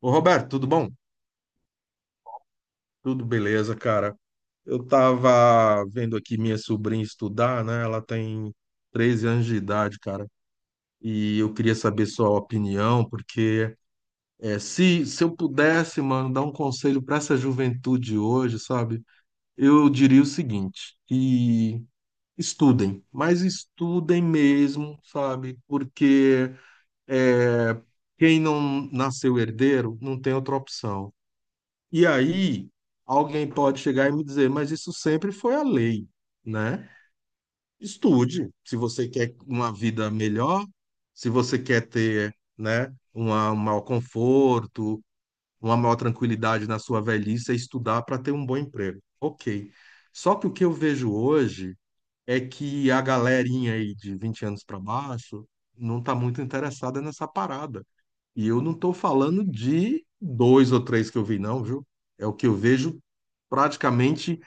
Ô Roberto, tudo bom? Tudo beleza, cara. Eu tava vendo aqui minha sobrinha estudar, né? Ela tem 13 anos de idade, cara. E eu queria saber sua opinião, porque se eu pudesse, mano, dar um conselho para essa juventude hoje, sabe? Eu diria o seguinte, que estudem, mas estudem mesmo, sabe? Porque é, quem não nasceu herdeiro não tem outra opção. E aí, alguém pode chegar e me dizer, mas isso sempre foi a lei, né? Estude, se você quer uma vida melhor, se você quer ter, né, um maior conforto, uma maior tranquilidade na sua velhice, é estudar para ter um bom emprego. Ok. Só que o que eu vejo hoje é que a galerinha aí de 20 anos para baixo não está muito interessada nessa parada. E eu não estou falando de dois ou três que eu vi, não, viu? É o que eu vejo praticamente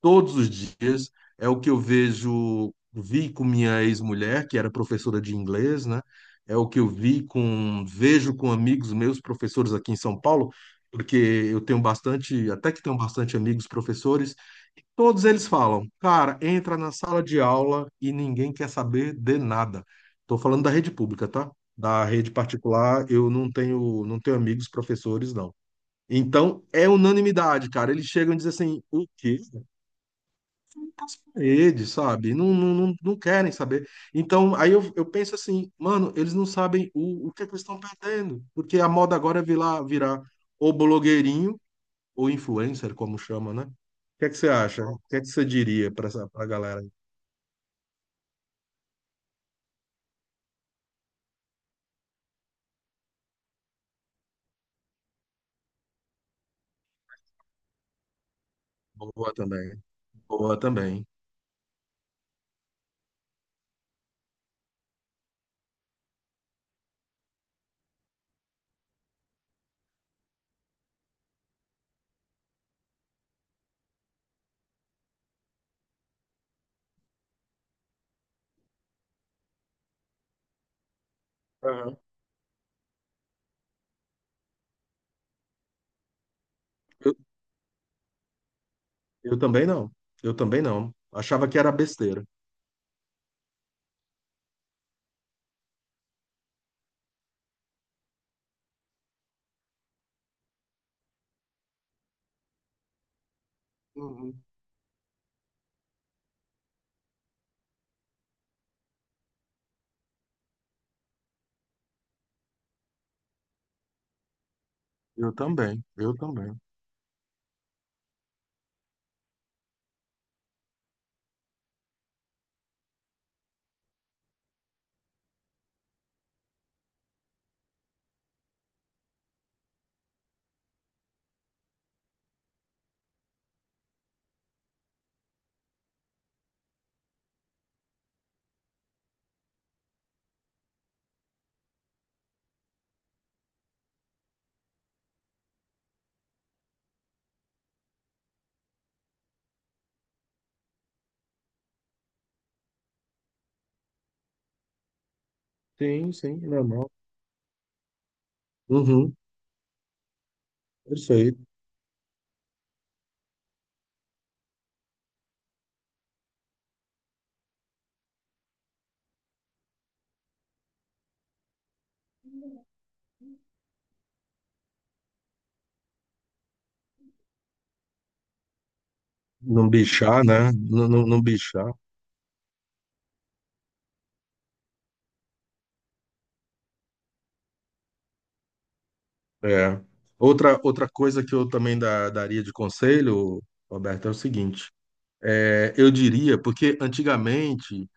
todos os dias. É o que eu vi com minha ex-mulher, que era professora de inglês, né? É o que eu vejo com amigos meus, professores aqui em São Paulo, porque eu tenho bastante, até que tenho bastante amigos professores. Todos eles falam, cara, entra na sala de aula e ninguém quer saber de nada. Estou falando da rede pública, tá? Da rede particular, eu não tenho, não tenho amigos professores, não. Então, é unanimidade, cara. Eles chegam e dizem assim, o quê? As paredes, sabe? Não, não, não, não querem saber. Então, aí eu penso assim, mano, eles não sabem o que, é que eles estão perdendo. Porque a moda agora é virar ou blogueirinho, ou influencer, como chama, né? O que é que você acha? O que é que você diria para essa, para a galera? Boa também. Boa também. Aham. Eu, eu também não. Eu também não. Achava que era besteira. Uhum. Eu também. Eu também. Sim, sim, normal. Uhum. Perfeito. Não bichar, né? Não, não, não bichar. É. Outra coisa que eu também daria de conselho, Roberto, é o seguinte. É, eu diria, porque antigamente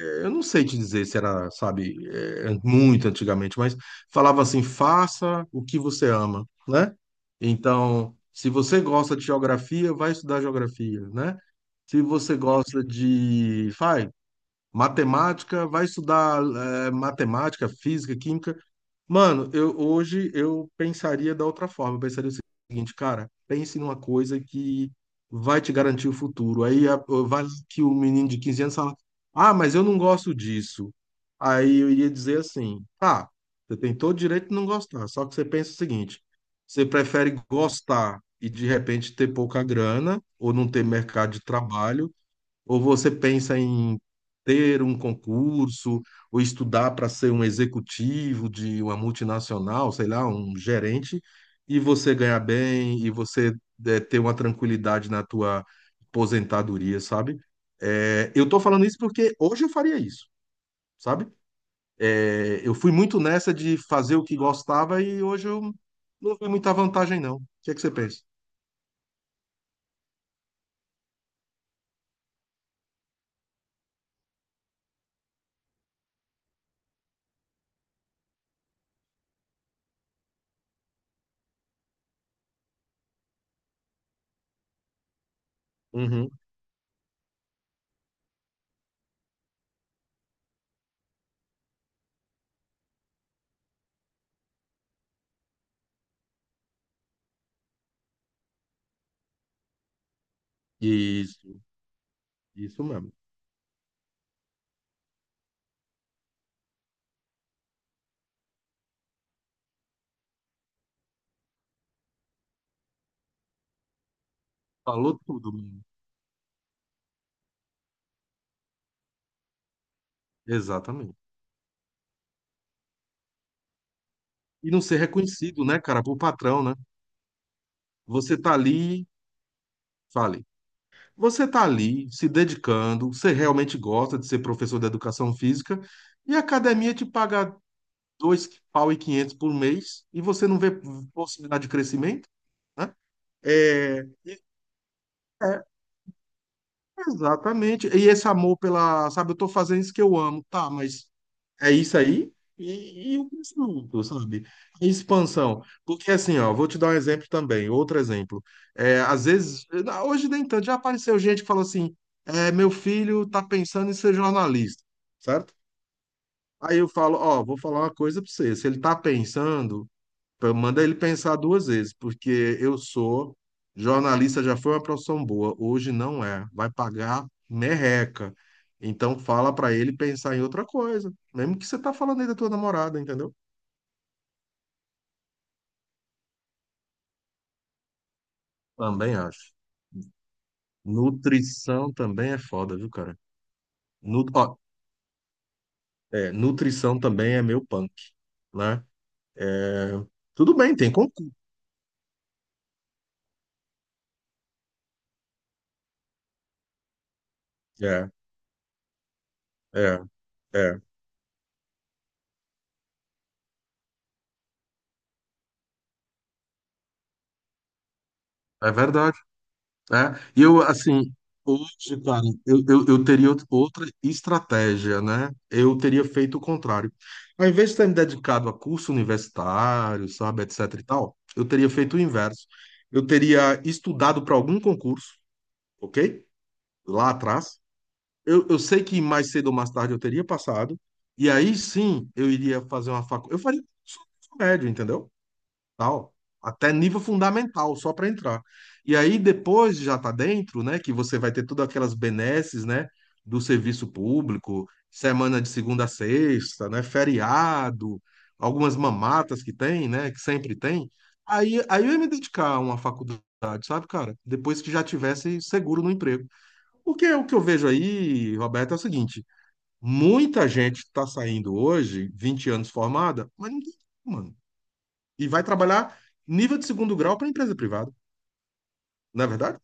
eu não sei te dizer se era, sabe, muito antigamente, mas falava assim: faça o que você ama, né? Então, se você gosta de geografia, vai estudar geografia, né? Se você gosta de, faz matemática, vai estudar matemática, física, química. Mano, eu hoje eu pensaria da outra forma. Eu pensaria o seguinte, cara, pense numa coisa que vai te garantir o futuro. Vai que o menino de 15 anos fala, ah, mas eu não gosto disso. Aí eu iria dizer assim, tá, você tem todo o direito de não gostar, só que você pensa o seguinte, você prefere gostar e de repente ter pouca grana ou não ter mercado de trabalho, ou você pensa em ter um concurso, ou estudar para ser um executivo de uma multinacional, sei lá, um gerente, e você ganhar bem, e você ter uma tranquilidade na tua aposentadoria, sabe? Eu tô falando isso porque hoje eu faria isso, sabe? Eu fui muito nessa de fazer o que gostava e hoje eu não vi muita vantagem, não. O que é que você pensa? Uhum. Isso, isso mesmo. Falou tudo, mano. Exatamente. E não ser reconhecido, né, cara, por patrão, né? Você tá ali, fale. Você tá ali se dedicando, você realmente gosta de ser professor de educação física e a academia te paga dois pau e quinhentos por mês e você não vê possibilidade de crescimento, né? É, é, exatamente. E esse amor pela, sabe, eu tô fazendo isso que eu amo, tá, mas é isso aí e o conjunto, sabe? A expansão. Porque assim, ó, vou te dar um exemplo também, outro exemplo. É, às vezes, hoje nem tanto, já apareceu gente que falou assim, meu filho tá pensando em ser jornalista, certo? Aí eu falo, ó, vou falar uma coisa pra você, se ele tá pensando então, manda ele pensar duas vezes, porque eu sou jornalista, já foi uma profissão boa, hoje não é, vai pagar merreca. Então fala para ele pensar em outra coisa, mesmo que você tá falando aí da tua namorada, entendeu? Também acho. Nutrição também é foda, viu, cara? Ó, nutrição também é meu punk, né? É, tudo bem, tem concurso. É, é, é. É verdade. Né? E eu, assim, hoje, cara, eu teria outra estratégia, né? Eu teria feito o contrário. Ao invés de ter me dedicado a curso universitário, sabe, etc e tal, eu teria feito o inverso. Eu teria estudado para algum concurso, ok? Lá atrás. Eu sei que mais cedo ou mais tarde eu teria passado, e aí sim eu iria fazer uma faculdade. Eu faria curso médio, entendeu? Tal, até nível fundamental, só para entrar. E aí depois já tá dentro, né, que você vai ter todas aquelas benesses, né, do serviço público, semana de segunda a sexta, né, feriado, algumas mamatas que tem, né, que sempre tem. Aí eu ia me dedicar a uma faculdade, sabe, cara? Depois que já tivesse seguro no emprego. Porque o que eu vejo aí, Roberto, é o seguinte, muita gente está saindo hoje, 20 anos formada, mas não tem, mano. E vai trabalhar nível de segundo grau para empresa privada, não é verdade?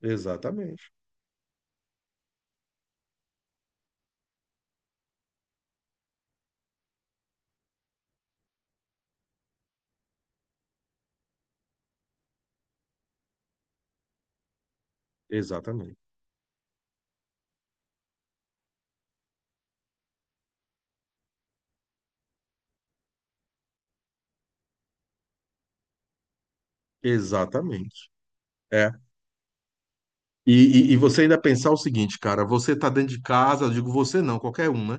Exatamente. Exatamente. Exatamente. É. E, e você ainda pensar o seguinte, cara, você tá dentro de casa, eu digo você não, qualquer um, né?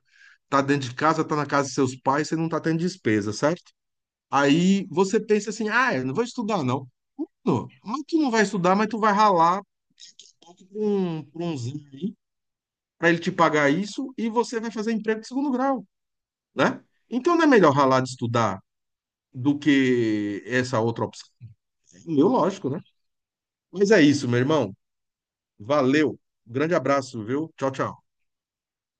Tá dentro de casa, tá na casa de seus pais, você não tá tendo despesa, certo? Aí você pensa assim, ah, eu não vou estudar, não. Não, mas tu não vai estudar, mas tu vai ralar pra um zinho aí, pra ele te pagar isso, e você vai fazer emprego de segundo grau, né? Então não é melhor ralar de estudar do que essa outra opção. Meu, lógico, né? Mas é isso, meu irmão. Valeu. Grande abraço, viu? Tchau, tchau.